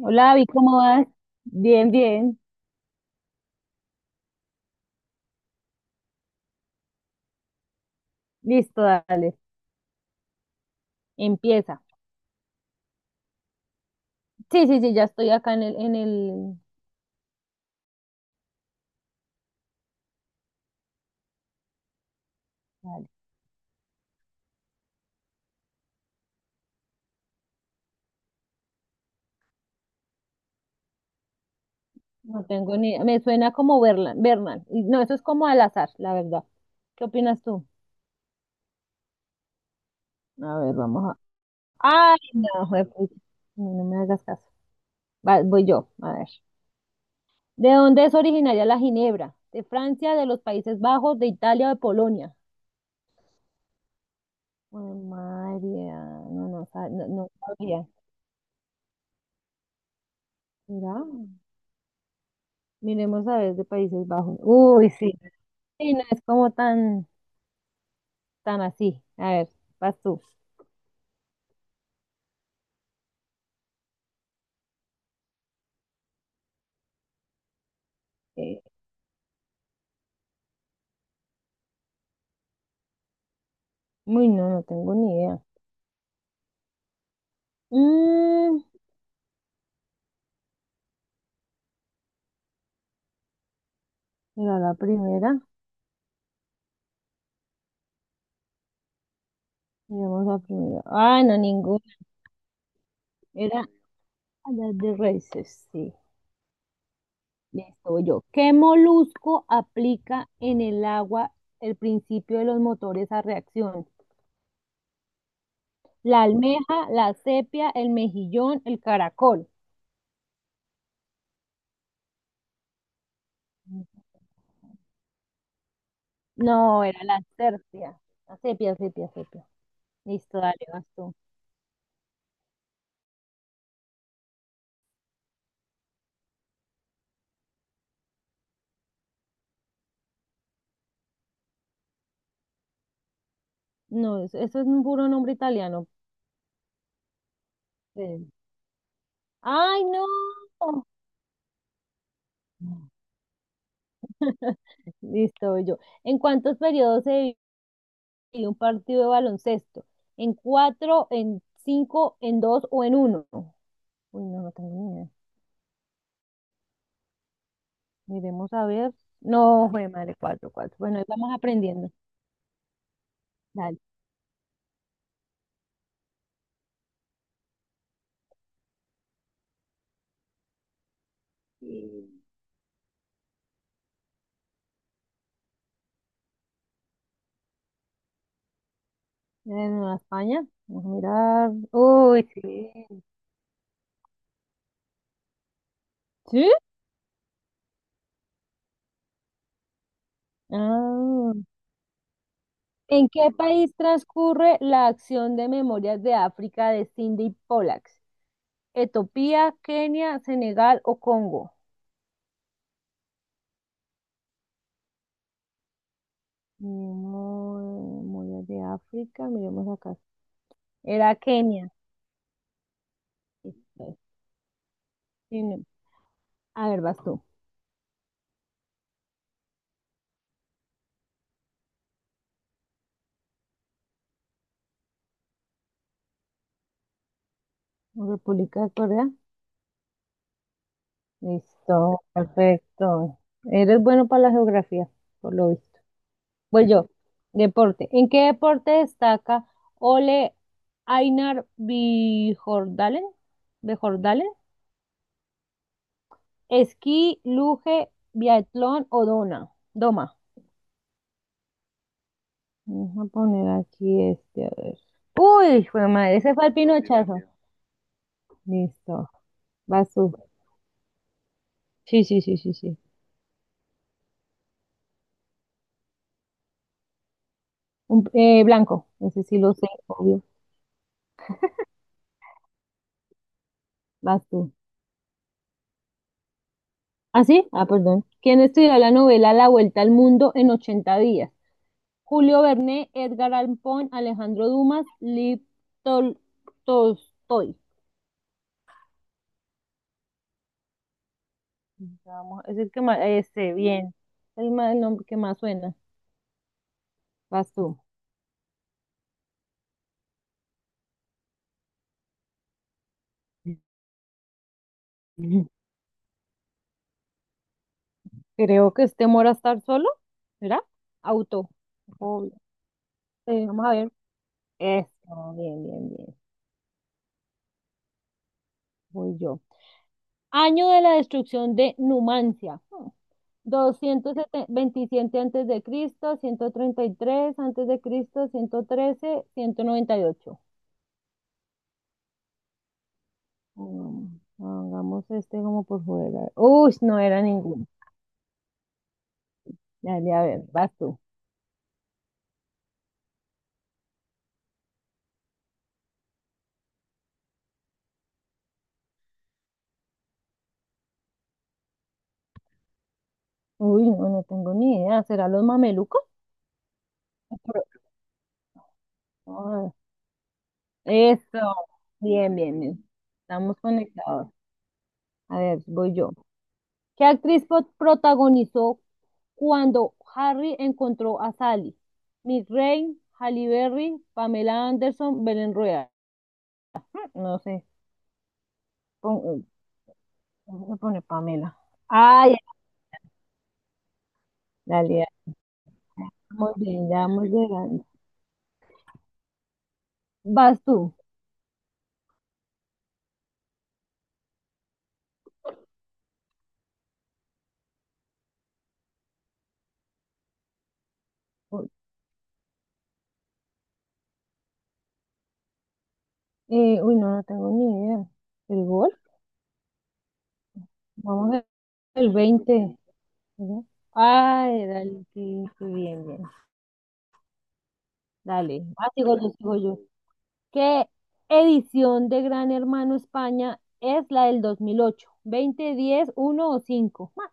Hola, Abby, ¿cómo vas? Bien, bien. Listo, dale. Empieza. Sí, sí, sí, ya estoy acá en el. Dale. No tengo ni... Me suena como Berlan, Berman. Y no, eso es como al azar, la verdad. ¿Qué opinas tú? A ver, vamos a... Ay, no, juepucha. No, no me hagas caso. Va, voy yo, a ver. ¿De dónde es originaria la ginebra? ¿De Francia, de los Países Bajos, de Italia o de Polonia? Ay, María, no, no, no sabía. ¿Será? Miremos a ver de Países Bajos. Uy, sí. Sí, no es como tan así. A ver, vas tú. Eh, uy, no tengo ni idea. Mm, era la primera. Miremos la primera. Ah, no, ninguna. Era la de Races, sí. Listo, voy yo. ¿Qué molusco aplica en el agua el principio de los motores a reacción? La almeja, la sepia, el mejillón, el caracol. No, era la sepia. La sepia, sepia, sepia. Listo, dale, vas tú. No, eso es un puro nombre italiano. Eh, ¡Ay, no! Listo, voy yo. ¿En cuántos periodos se divide un partido de baloncesto? ¿En cuatro, en cinco, en dos o en uno? Uy, no tengo ni idea. Miremos a ver. No, fue madre, cuatro, cuatro. Bueno, ahí vamos aprendiendo. Dale. En España, vamos a mirar. Uy, sí. ¿Sí? Ah. ¿En qué país transcurre la acción de Memorias de África de Cindy Pollack? ¿Etiopía, Kenia, Senegal o Congo? Memorias de África, miremos acá. Era Kenia. Listo. Sí, no. A ver, vas tú. República de Corea. Listo, perfecto. Eres bueno para la geografía, por lo visto. Voy yo. Deporte. ¿En qué deporte destaca Ole Einar Bjorndalen? Esquí, luge, biatlón o dona. Doma. Vamos a poner aquí este, a ver. Uy, fue madre, ese fue el pinochazo. Listo. Vas tú. Sí, sí, sí, sí, sí. Blanco, ese sí lo sé, obvio. Vas tú. ¿Ah, sí? Ah, perdón. ¿Quién estudió la novela La Vuelta al Mundo en 80 días? Julio Verne, Edgar Allan Poe, Alejandro Dumas, Liv Tol- Tolstoy. Vamos, es el que más, bien. El nombre que más suena. Vas tú. Ujú. Creo que es temor a estar solo, ¿verdad? Auto. Obvio. Vamos a ver. Eso, bien, bien, bien. Voy yo. Año de la destrucción de Numancia. Hmm. 227 antes de Cristo, 133 antes de Cristo, 113, 198. Mm, Hagamos este como por fuera. Uy, no era ninguno. Dale, a ver, vas tú. Uy, no tengo ni idea. ¿Será los mamelucos? Eso, bien, bien, bien. Estamos conectados. A ver, voy yo. ¿Qué actriz protagonizó cuando Harry encontró a Sally? Mick Rain, Halle Berry, Pamela Anderson, Belén Rueda. No sé, pon- ¿cómo se pone Pamela? Ay, dale, muy bien, ya vamos llegando. Vas tú. Uy, no tengo ni idea. ¿El gol? Vamos al 20. Ay, dale, sí, sí, bien, bien. Dale, ah, sigo yo. ¿Qué edición de Gran Hermano España es la del 2008? ¿20, 10, 1 o 5? Ah,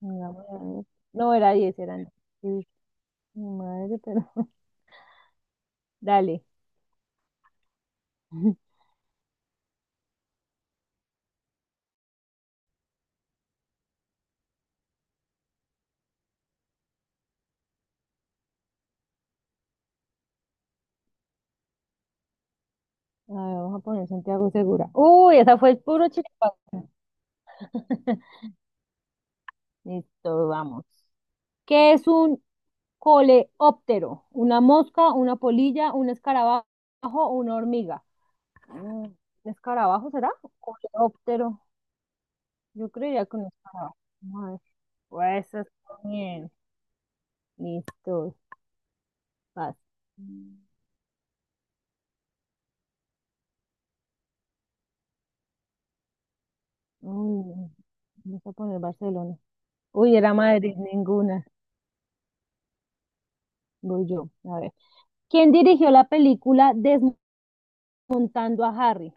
mira, voy a ver. No era 10 eran. Sí, mi madre, pero. Dale. A ver, vamos a poner Santiago Segura. Uy, esa fue el puro chiripazo. Listo, vamos. ¿Qué es un coleóptero? ¿Una mosca, una polilla, un escarabajo, una hormiga? ¿Un escarabajo será? Coleóptero. Yo creo ya con esto no. No, pues está bien. Listo. Vas. Mm, Uy, vamos a poner Barcelona. Uy, era Madrid, ninguna. Voy yo. A ver. ¿Quién dirigió la película Desmontando a Harry?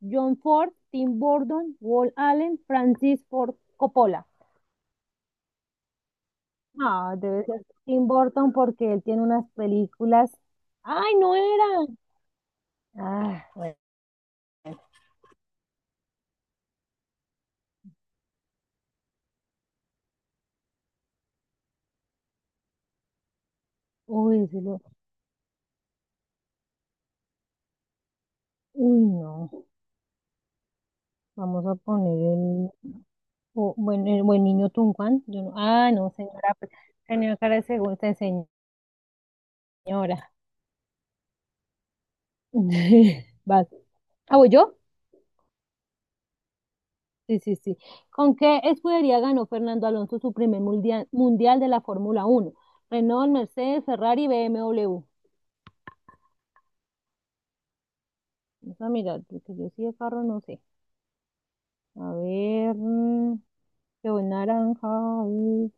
John Ford, Tim Burton, Walt Allen, Francis Ford Coppola. Ah, debe ser Tim Burton porque él tiene unas películas. ¡Ay, no era! Ah, bueno. Uy, Uy, no. Vamos a poner el buen niño Tunguán. Yo no, no, señora. Pues, tenía cara de segunda señora. Vas. Ah, ¿voy yo? Sí, sí, sí. ¿Con qué escudería ganó Fernando Alonso su primer mundial de la Fórmula Uno? Renault, Mercedes, Ferrari, BMW. Vamos a mirar, porque yo sí de carro no sé. A ver, yo voy naranja. y-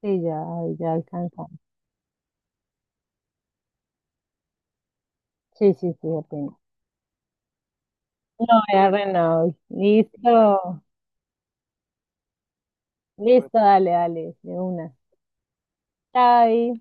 Sí, ya, ya alcanzamos. Sí, sí, sí, apenas. No, era Renault. Listo, listo, dale, dale, de una. Chao.